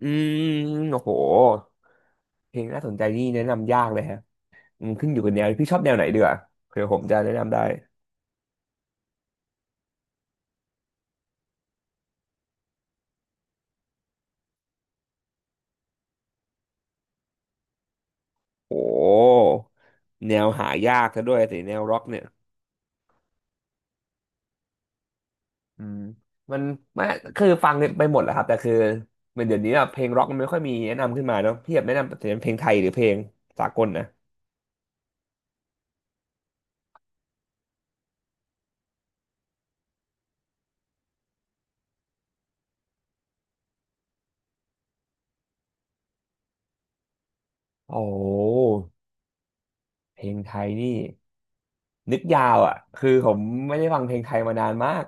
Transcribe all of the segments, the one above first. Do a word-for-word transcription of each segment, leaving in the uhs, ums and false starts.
อืมโอ้โหเพลงน่าสนใจนี่แนะนำยากเลยฮะอืมขึ้นอยู่กับแนวพี่ชอบแนวไหนดีกว่าเผื่อผมจะแนะนำได้โอ้แนวหายากซะด้วยสิแนวร็อกเนี่ยอืมมันไม่คือฟังไปหมดแหละครับแต่คือเหมือนเดี๋ยวนี้อะเพลงร็อกมันไม่ค่อยมีแนะนำขึ้นมาเนาะพี่อยากแนะนำแต่เป็นเพลงไทยหรือเพลงสากลนะโอ้เพลงไทยนี่นึกยาวอ่ะคือผมไม่ได้ฟังเพลงไทยมานานมาก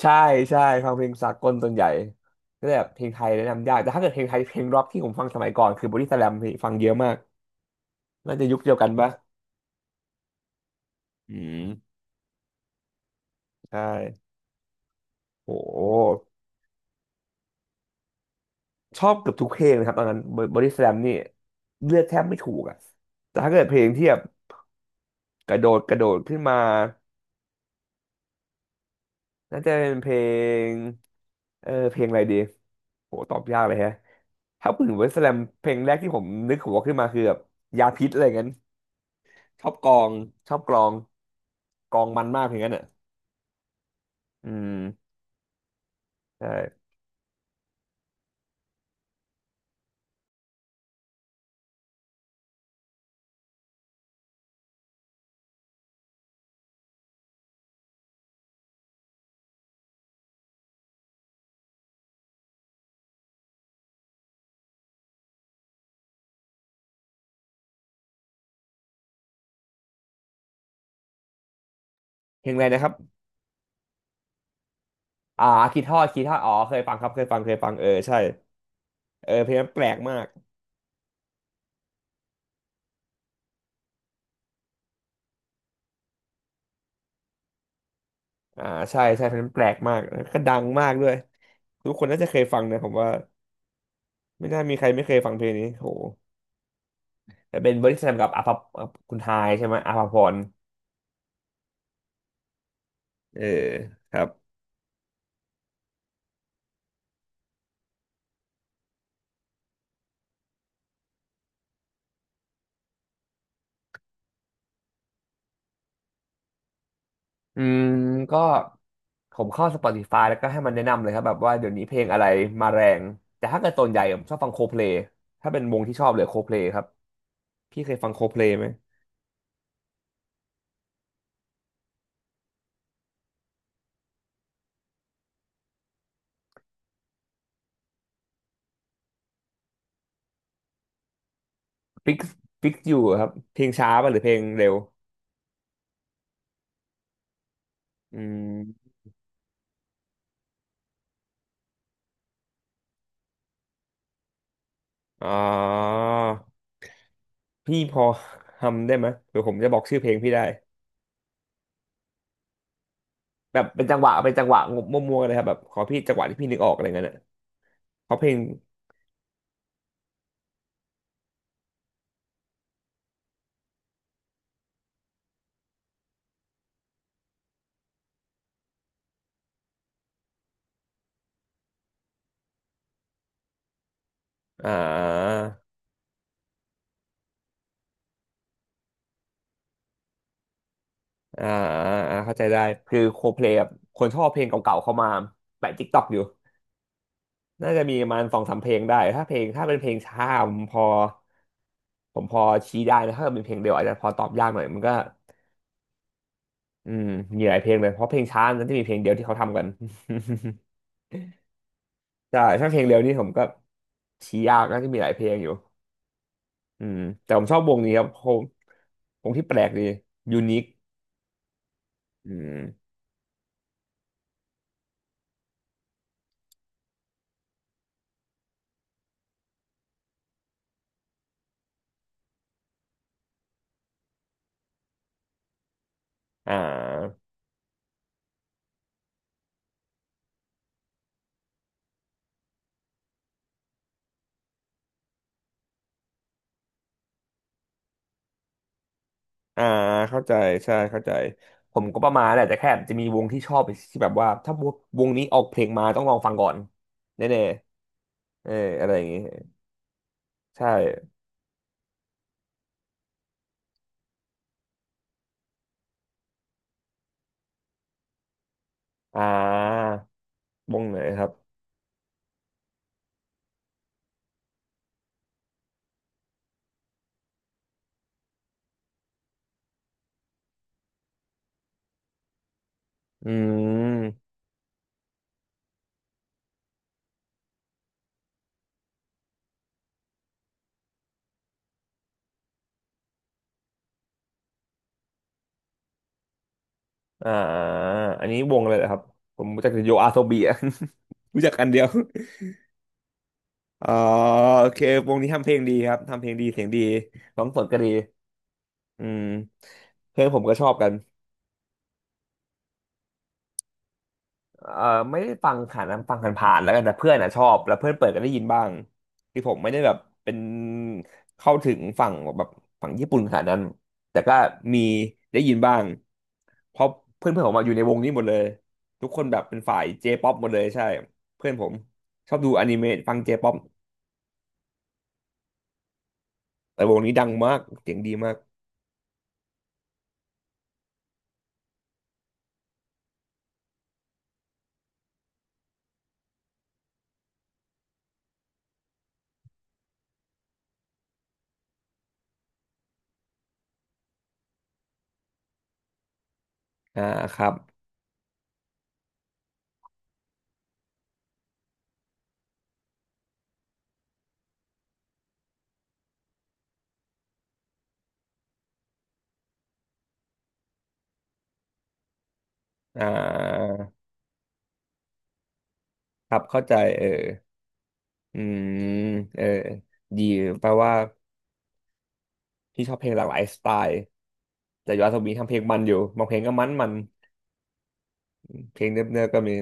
ใช่ใช่ฟังเพลงสากลส่วนใหญ่ก็แบบเพลงไทยแนะนำยากแต่ถ้าเกิดเพลงไทยเพลงร็อกที่ผมฟังสมัยก่อนคือบอดี้สแลมฟังเยอะมากน่าจะยุคเดียวกันปะอืมใช่โอ้โหชอบเกือบทุกเพลงนะครับตอนนั้นบอดี้สแลมนี่เลือกแทบไม่ถูกอ่ะแต่ถ้าเกิดเพลงที่แบบกระโดดกระโดดขึ้นมาน่าจะเป็นเพลงเออเพลงอะไรดีโหตอบยากเลยฮะถ้าพูดถึงบอดี้สแลมเพลงแรกที่ผมนึกหัวขึ้นมาคือแบบยาพิษอะไรเงี้ย ชอบกลองชอบกลองกลองมันมากเพางนั้นอ่ะอืมใช่เพลงอะไรนะครับอ่าคีทอดคีทอดอ๋อเคยฟังครับเคยฟังเคยฟังเออใช่เออเพลงนั้นแปลกมากอ่าใช่ใช่เพลงนั้นแปลกมากแล้วก็ดังมากด้วยทุกคนน่าจะเคยฟังนะผมว่าไม่น่ามีใครไม่เคยฟังเพลงนี้โหแต่เป็นเวอร์ชันกับอาภากับคุณทายใช่ไหมอาภาพรเออครับ อืมก็ผมเข้า Spotify แล้วก็ให้มันแนะนำเลยครับแบบว่าเดี๋ยวนี้เพลงอะไรมาแรงแต่ถ้าเกิดส่วนใหญ่ผมชอบฟังโคเพลย์ถ้าเป็นวงที่ชอบเลยโคเพลย์ครับพี่เคยฟังโคเพลย์ไหมฟิกฟิกอยู่ครับเพลงช้าป่ะหรือเพลงเร็วอืมอ๋อพี่พอทำได้ไหมเดี๋ยวผมจะบอกชื่อเพลงพี่ได้แบบเป็นจังหวะเป็นจังหวะมั่วๆเลยครับแบบขอพี่จังหวะที่พี่นึกออกอะไรเงี้ยนะเพราะเพลงอ่า อ่าอ่าเข้าใจได้คือโคเพลย์คนชอบเพลงเก่าๆเข้ามาแปะติ๊กต็อกอยู่น่าจะมีประมาณสองสามเพลงได้ถ้าเพลงถ้าเป็นเพลงช้าผมพอผมพอชี้ได้นะถ้าเป็นเพลงเดียวอาจจะพอตอบยากหน่อยมันก็อืมมีหลายเพลงเลยเพราะเพลงช้านั้นจะมีเพลงเดียวที่เขาทำกัน ใช่ถ้าเพลงเร็วนี่ผมก็ชี้ยากนะที่มีหลายเพลงอยู่อืมแต่ผมชอบวงนี้ครับผมวงที่แปลกดียูนิคอืมอ่า อ่าเข้าใจใช่เข้าใจผมก็ประมาณแหละแต่แค่จะมีวงที่ชอบที่แบบว่าถ้าวงนี้ออกเพลงมาต้องลองฟังก่อนแน่ๆเอออะไรอย่างงี้ใช่อ่าวงไหนครับอืมอ่าอันนี้วงอะไรเหรอครับผมรู้จักแต่โยอาโซบีอะ รู้จักอันเดียวอ๋อโอเควงนี้ทำเพลงดีครับทำเพลงดีเสียงดีร้องสดก็ดีอืมเพื่อนผมก็ชอบกัน เออไม่ได้ฟังค่ะนะฟังผ่านๆแล้วกันแต่เพื่อนอ่ะชอบแล้วเพื่อนเปิดก็ได้ยินบ้างที่ผมไม่ได้แบบเป็นเข้าถึงฝั่งแบบฝั่งญี่ปุ่นขนาดนั้นแต่ก็มีได้ยินบ้างเพราะเพื่อนเพื่อนผมมาออยู่ในวงนี้หมดเลยทุกคนแบบเป็นฝ่ายเจป๊อปหมดเลยใช่เพื่อนผมชอบดูอนิเมะฟังเจป๊อปแต่วงนี้ดังมากเสียงดีมากอ่าครับอ่าครับเข้าใจเอออืมเออดีแปลว่าพี่ชอบเพลงหลากหลายสไตล์ แต่ยอสมีทำเพลงมันอยู่บางเพลงก็มันมันเพลงเนิบเนิบก็มี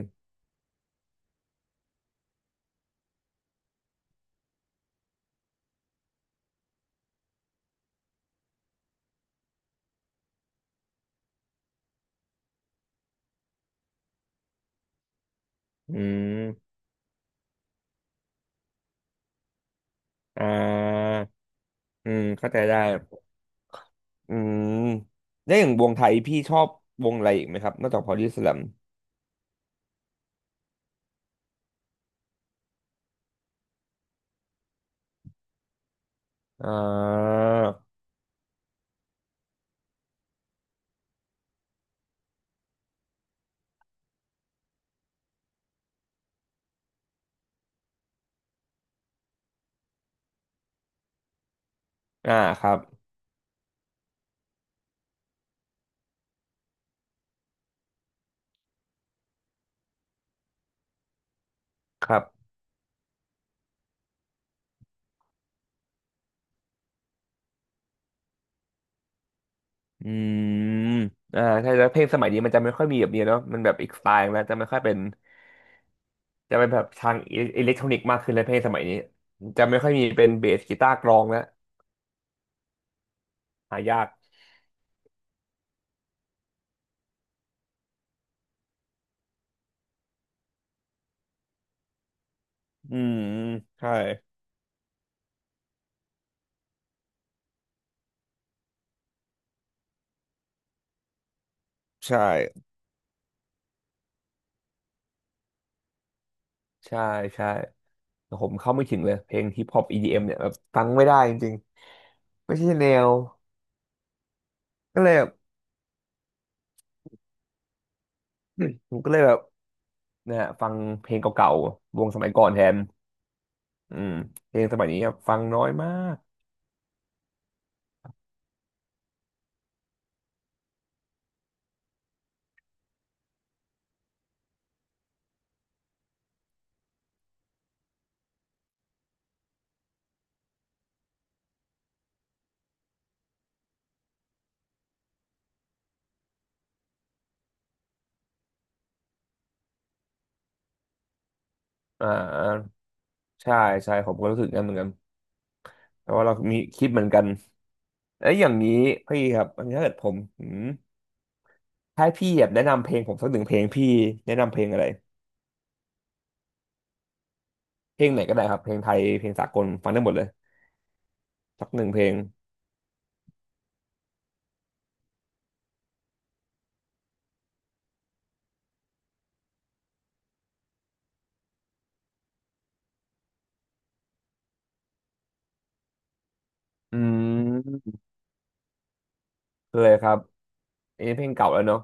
อืมอ่าอืมเข้าใจได้อืมแล้วอย่างวงไทยพี่ชอบวงอะไรอีกไหมครับนอกจากพอดีสแลมอ่าอ่าครับครับอืมอ่าใช่แล้วเพลงสมัยนี้มันจะไม่ค่อยมีแบบนี้เนาะมันแบบอีกสไตล์แล้วจะไม่ค่อยเป็นจะเป็นแบบทางอิเล็กทรอนิกส์มากขึ้นเลยเพลงสมัยนี้จะไม่ค่อยมีเป็นเบสกีตาร์กลองแล้วหายากอืมใช่ใช่ ใช่ใช่แต่ผมเข้าไม่ถึงเลยเพลงฮิปฮอป อี ดี เอ็ม เอ็มเนี่ยแบบฟังไม่ได้จริงๆไม่ใช่แนวก็เลยแบบ ผมก็เลยแบบนะฮะฟังเพลงเก่าๆวงสมัยก่อนแทนอืมเพลงสมัยนี้ครับฟังน้อยมากอ่าใช่ใช่ผมก็รู้สึกงั้นเหมือนกันเพราะว่าเรามีคิดเหมือนกันแล้วอย่างนี้พี่ครับอันนี้ถ้าเกิดผมอืมถ้าให้พี่แบบแนะนำเพลงผมสักหนึ่งเพลงพี่แนะนำเพลงอะไรเพลงไหนก็ได้ครับเพลงไทยเพลงสากลฟังได้หมดเลยสักหนึ่งเพลงอืมเลยครับ เอนนี้เพลงเก่าแล้วเนอะ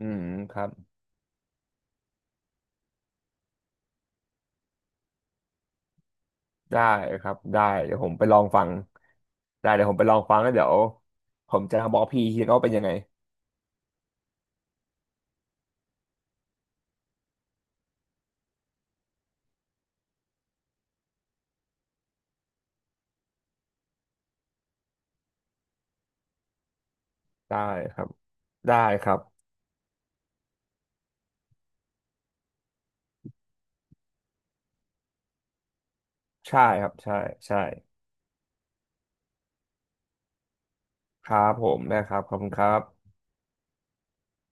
อืมครับได้ครับ ได้ เดี๋ยวผมไปลองฟัง ได้เดี๋ยวผมไปลองฟังแล้วเดี๋ยวผมจะบอกพี่ทีก็เป็นยังไง ได้ครับได้ครับใช่ครับใช่ใช่ครับผมได้ครับขอบคุณครับ